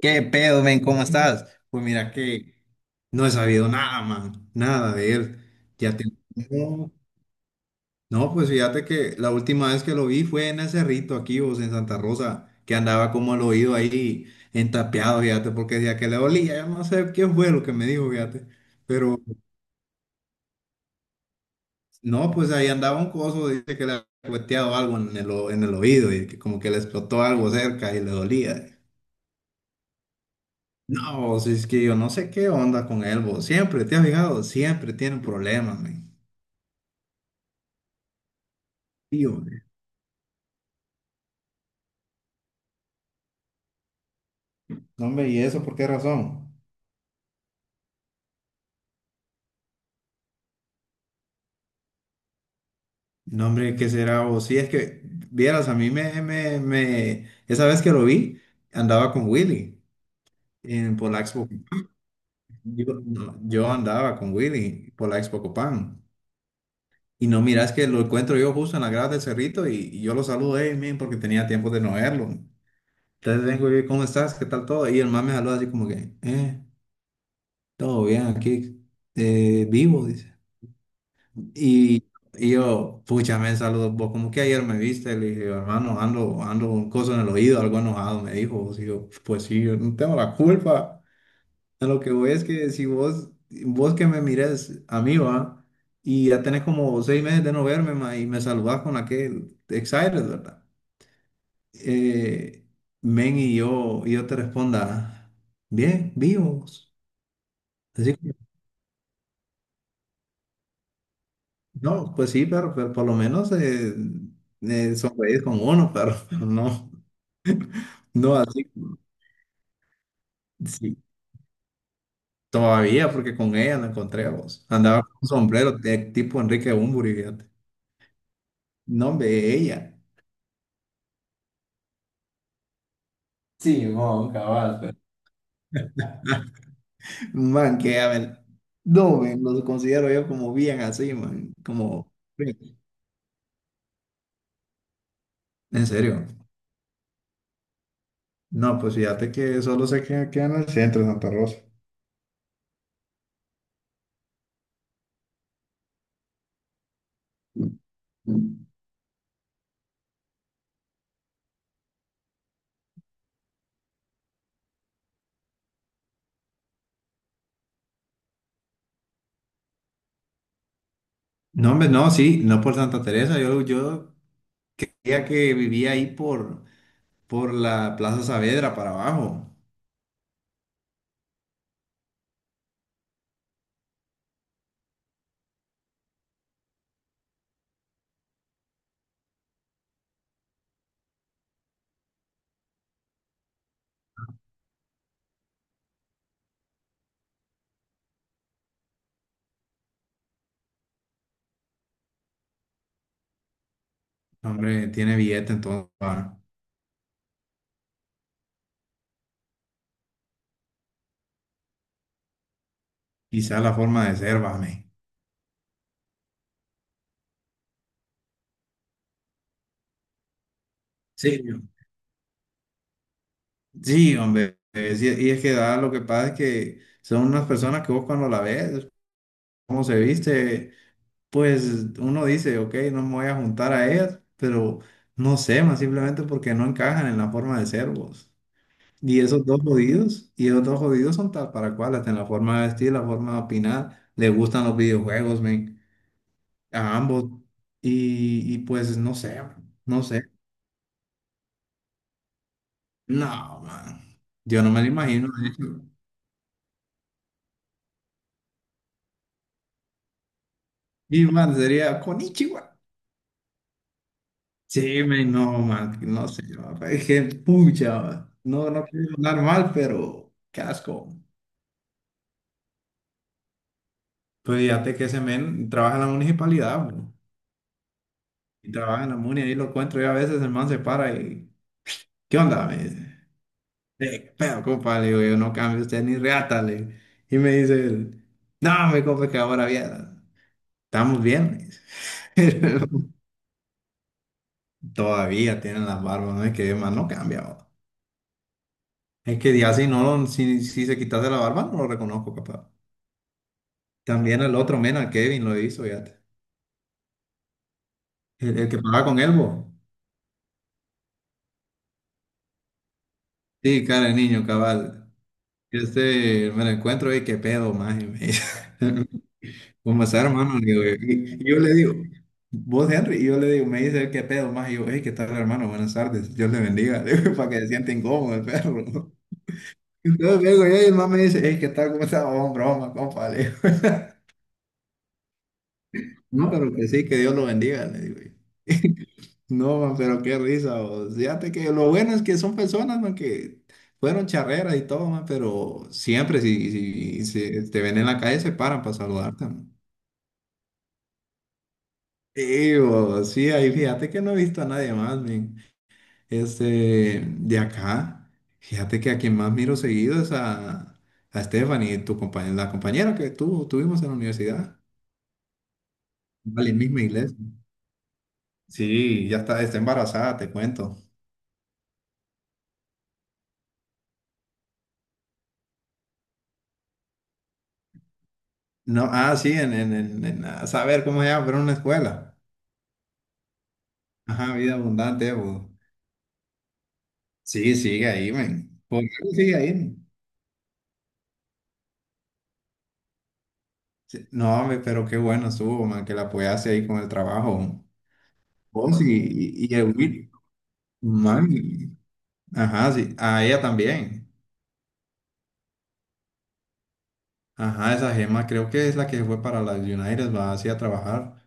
¿Qué pedo, men? ¿Cómo estás? Pues mira que no he sabido nada, man, nada de él. Ya te... No, no, pues fíjate que la última vez que lo vi fue en el cerrito aquí, vos, en Santa Rosa, que andaba como al oído ahí entapeado, fíjate, porque decía que le dolía, yo no sé qué fue lo que me dijo, fíjate. Pero no, pues ahí andaba un coso, dice que le había cueteado algo en el, en el oído y que como que le explotó algo cerca y le dolía. No, si es que yo no sé qué onda con él, vos. Siempre, ¿te has fijado? Siempre tiene problemas, man. Tío, man. No, hombre, ¿y eso por qué razón? No, hombre, ¿qué será, vos? Si es que, vieras, a mí me, me, me... esa vez que lo vi, andaba con Willy por la Expo. No, yo andaba con Willy por la Expo Copán. Y no miras que lo encuentro yo justo en la grada del Cerrito y yo lo saludo, hey, man, porque tenía tiempo de no verlo. Entonces vengo y, ¿cómo estás? ¿Qué tal todo? Y el man me saluda así como que. Todo bien aquí, vivo, dice. Y, y yo, pucha, me saludo vos, como que ayer me viste, le dije, hermano, ando con cosas en el oído, algo enojado, me dijo. Vos, y yo, pues sí, yo no tengo la culpa. A lo que voy es que si vos que me mires a mí, va, y ya tenés como 6 meses de no verme, ma, y me saludás con aquel excited, ¿verdad? Eh, men, y yo te responda, bien, vivos. No, pues sí, pero por lo menos sonreír con uno, pero no, no así, sí, todavía, porque con ella la encontré a vos. Andaba con un sombrero de tipo Enrique Bunbury, fíjate. No, hombre, ella. Sí, mon, cabal, pues. Man, que a ver, no, men, los considero yo como bien así, man, como, en serio. No, pues fíjate que solo sé que queda en el centro de Santa Rosa. No, hombre, no, sí, no por Santa Teresa, yo creía que vivía ahí por la Plaza Saavedra para abajo. Hombre, tiene billete entonces, va. Quizá la forma de ser, vame. Sí, sí, hombre, y es que da, lo que pasa es que son unas personas que vos cuando la ves, cómo se viste, pues uno dice, ok, no me voy a juntar a ellas, pero no sé, más simplemente porque no encajan en la forma de ser, vos. Y esos dos jodidos son tal para cual, hasta en la forma de vestir, la forma de opinar, les gustan los videojuegos, men, a ambos. Y pues no sé, man, no sé. No, man. Yo no me lo imagino, de hecho. Y man, sería Konichiwa. Sí, men, no, man, no sé, man, es que pucha, man. No, no quiero hablar mal, pero qué asco. Pues fíjate que ese men trabaja en la municipalidad, man, y trabaja en la muni, ahí lo encuentro y a veces, el man se para y, ¿qué onda?, me dice. Pero compa, le digo, yo no cambio usted ni reata, le digo. Y me dice él, no, me compa, es que ahora bien, estamos bien, me dice. Todavía tienen las barbas, no es que más no cambia, va. Es que ya si no, si se quitase la barba, no lo reconozco, capaz. También el otro mena, Kevin, lo hizo, ya. El que pagaba con él, bo. Sí, cara de niño, cabal. Este, me lo encuentro y qué pedo, más. ¿Cómo está, hermano? Le digo, yo. Y yo le digo, vos, Henry, y yo le digo, me dice, ¿qué pedo, más? Y yo, hey, ¿qué tal, hermano? Buenas tardes, Dios le bendiga, le digo, para que se sienta incómodo el perro. Entonces vengo yo y el man me dice, hey, ¿qué tal? ¿Cómo está? Oh, broma, compa, le digo, no, pero que sí, que Dios lo bendiga, le digo, yo. No, man, pero qué risa, vos. Fíjate que lo bueno es que son personas, man, que fueron charreras y todo, man, pero siempre si te ven en la calle se paran para saludarte, man. Sí, vos, sí, ahí fíjate que no he visto a nadie más, men. Este, de acá, fíjate que a quien más miro seguido es a Stephanie, tu compañera, la compañera que tú tuvimos en la universidad. Vale, misma iglesia. Sí, ya está embarazada, te cuento. No, ah, sí, a saber cómo se llama, pero en una escuela. Ajá, vida abundante, bo. Sí, sigue ahí, men. Por algo sigue ahí, men. Sí. No, hombre, pero qué bueno estuvo, man, que la apoyaste ahí con el trabajo. Vos y, y el Will. Man, ajá, sí, a ella también. Ajá, esa gema creo que es la que fue para las United, va así a trabajar.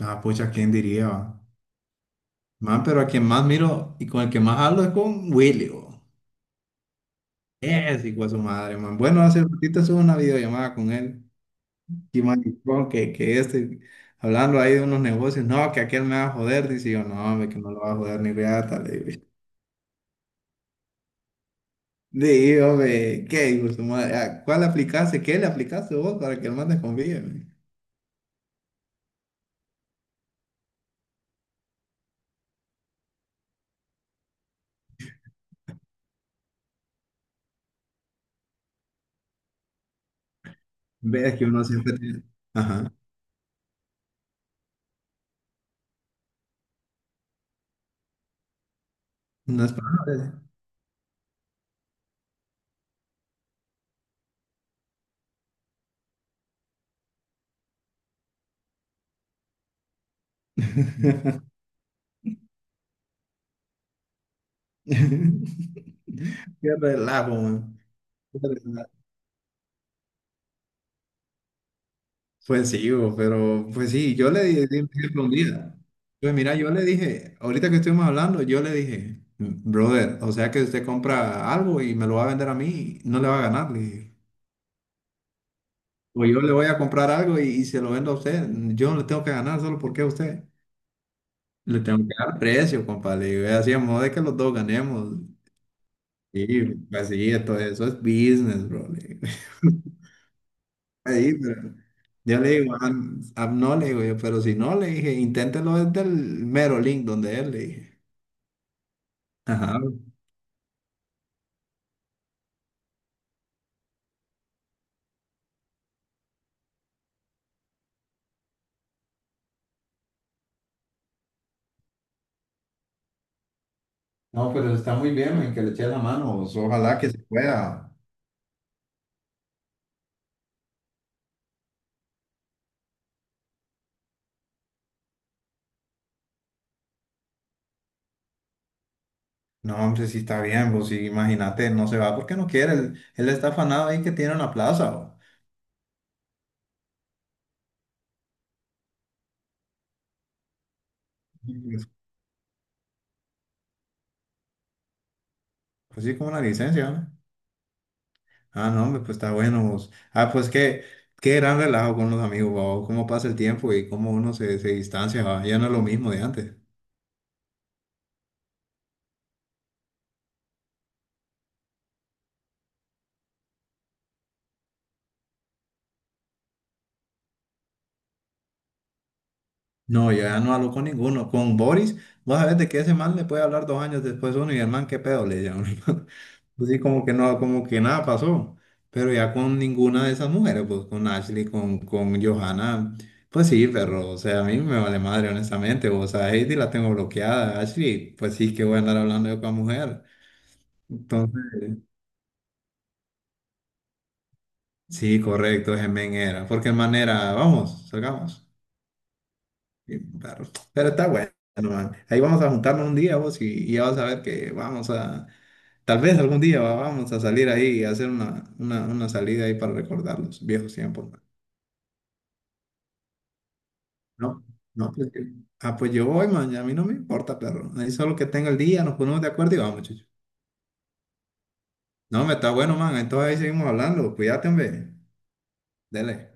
Ah, pucha, ¿quién diría, va? Man, pero a quien más miro y con el que más hablo es con Willy, bo. Es hijo de su madre, man. Bueno, hace ratito hizo una videollamada con él. Y maricón, que este, hablando ahí de unos negocios, no, que aquel me va a joder. Dice yo, no, hombre, que no lo va a joder ni reata, le digo. Digo, hombre, ¿qué hijo de su madre? ¿A ¿Cuál le aplicaste? ¿Qué le aplicaste vos para que el man te confíe, man? Ves que uno siempre tiene. Ajá, no es para nada. Qué relajo, man. Qué relajo. Pues sí, bo, pero pues sí, yo le dije, por ejemplo, un día, pues mira, yo le dije, ahorita que estuvimos hablando, yo le dije, brother, o sea que usted compra algo y me lo va a vender a mí, no le va a ganar, le dije. O yo le voy a comprar algo y se lo vendo a usted, yo no le tengo que ganar solo porque a usted. Le tengo que dar precio, compa, le digo, y así a modo de que los dos ganemos. Sí, pues sí, esto, eso es business, bro, le digo. Ahí, pero... Yo le digo, "Ah, ah, no", le digo yo, pero si no, le dije, inténtelo desde el mero link donde él, le dije. Ajá. No, pero está muy bien, men, que le eche la mano, vos, ojalá que se pueda. No, hombre, sí está bien, vos, sí, imagínate, no se va porque no quiere, él está afanado ahí que tiene una plaza, vos. Pues, pues sí, como una licencia, ¿no? Ah, no, hombre, pues está bueno, vos. Ah, pues qué, qué gran relajo con los amigos, vos, cómo pasa el tiempo y cómo uno se distancia, va. Ya no es lo mismo de antes. No, yo ya no hablo con ninguno. Con Boris, vos sabés de que ese man le puede hablar 2 años después uno y el man, qué pedo, le llama. Pues sí, como que no, como que nada pasó. Pero ya con ninguna de esas mujeres, pues con Ashley, con Johanna, pues sí, perro. O sea, a mí me vale madre, honestamente. O sea, Heidi la tengo bloqueada. Ashley, pues sí, que voy a andar hablando yo con la mujer. Entonces, sí, correcto, ese men era. Porque el man era, vamos, salgamos. Sí, pero está bueno, man. Ahí vamos a juntarnos un día vos y ya vas a ver que vamos a, tal vez algún día vamos a salir ahí y hacer una salida ahí para recordar los viejos tiempos, man. No, no, ah, pues yo voy, man, a mí no me importa, perro. Ahí solo que tenga el día, nos ponemos de acuerdo y vamos, chucho. No, me está bueno, man, entonces ahí seguimos hablando, cuídate, hombre, dele.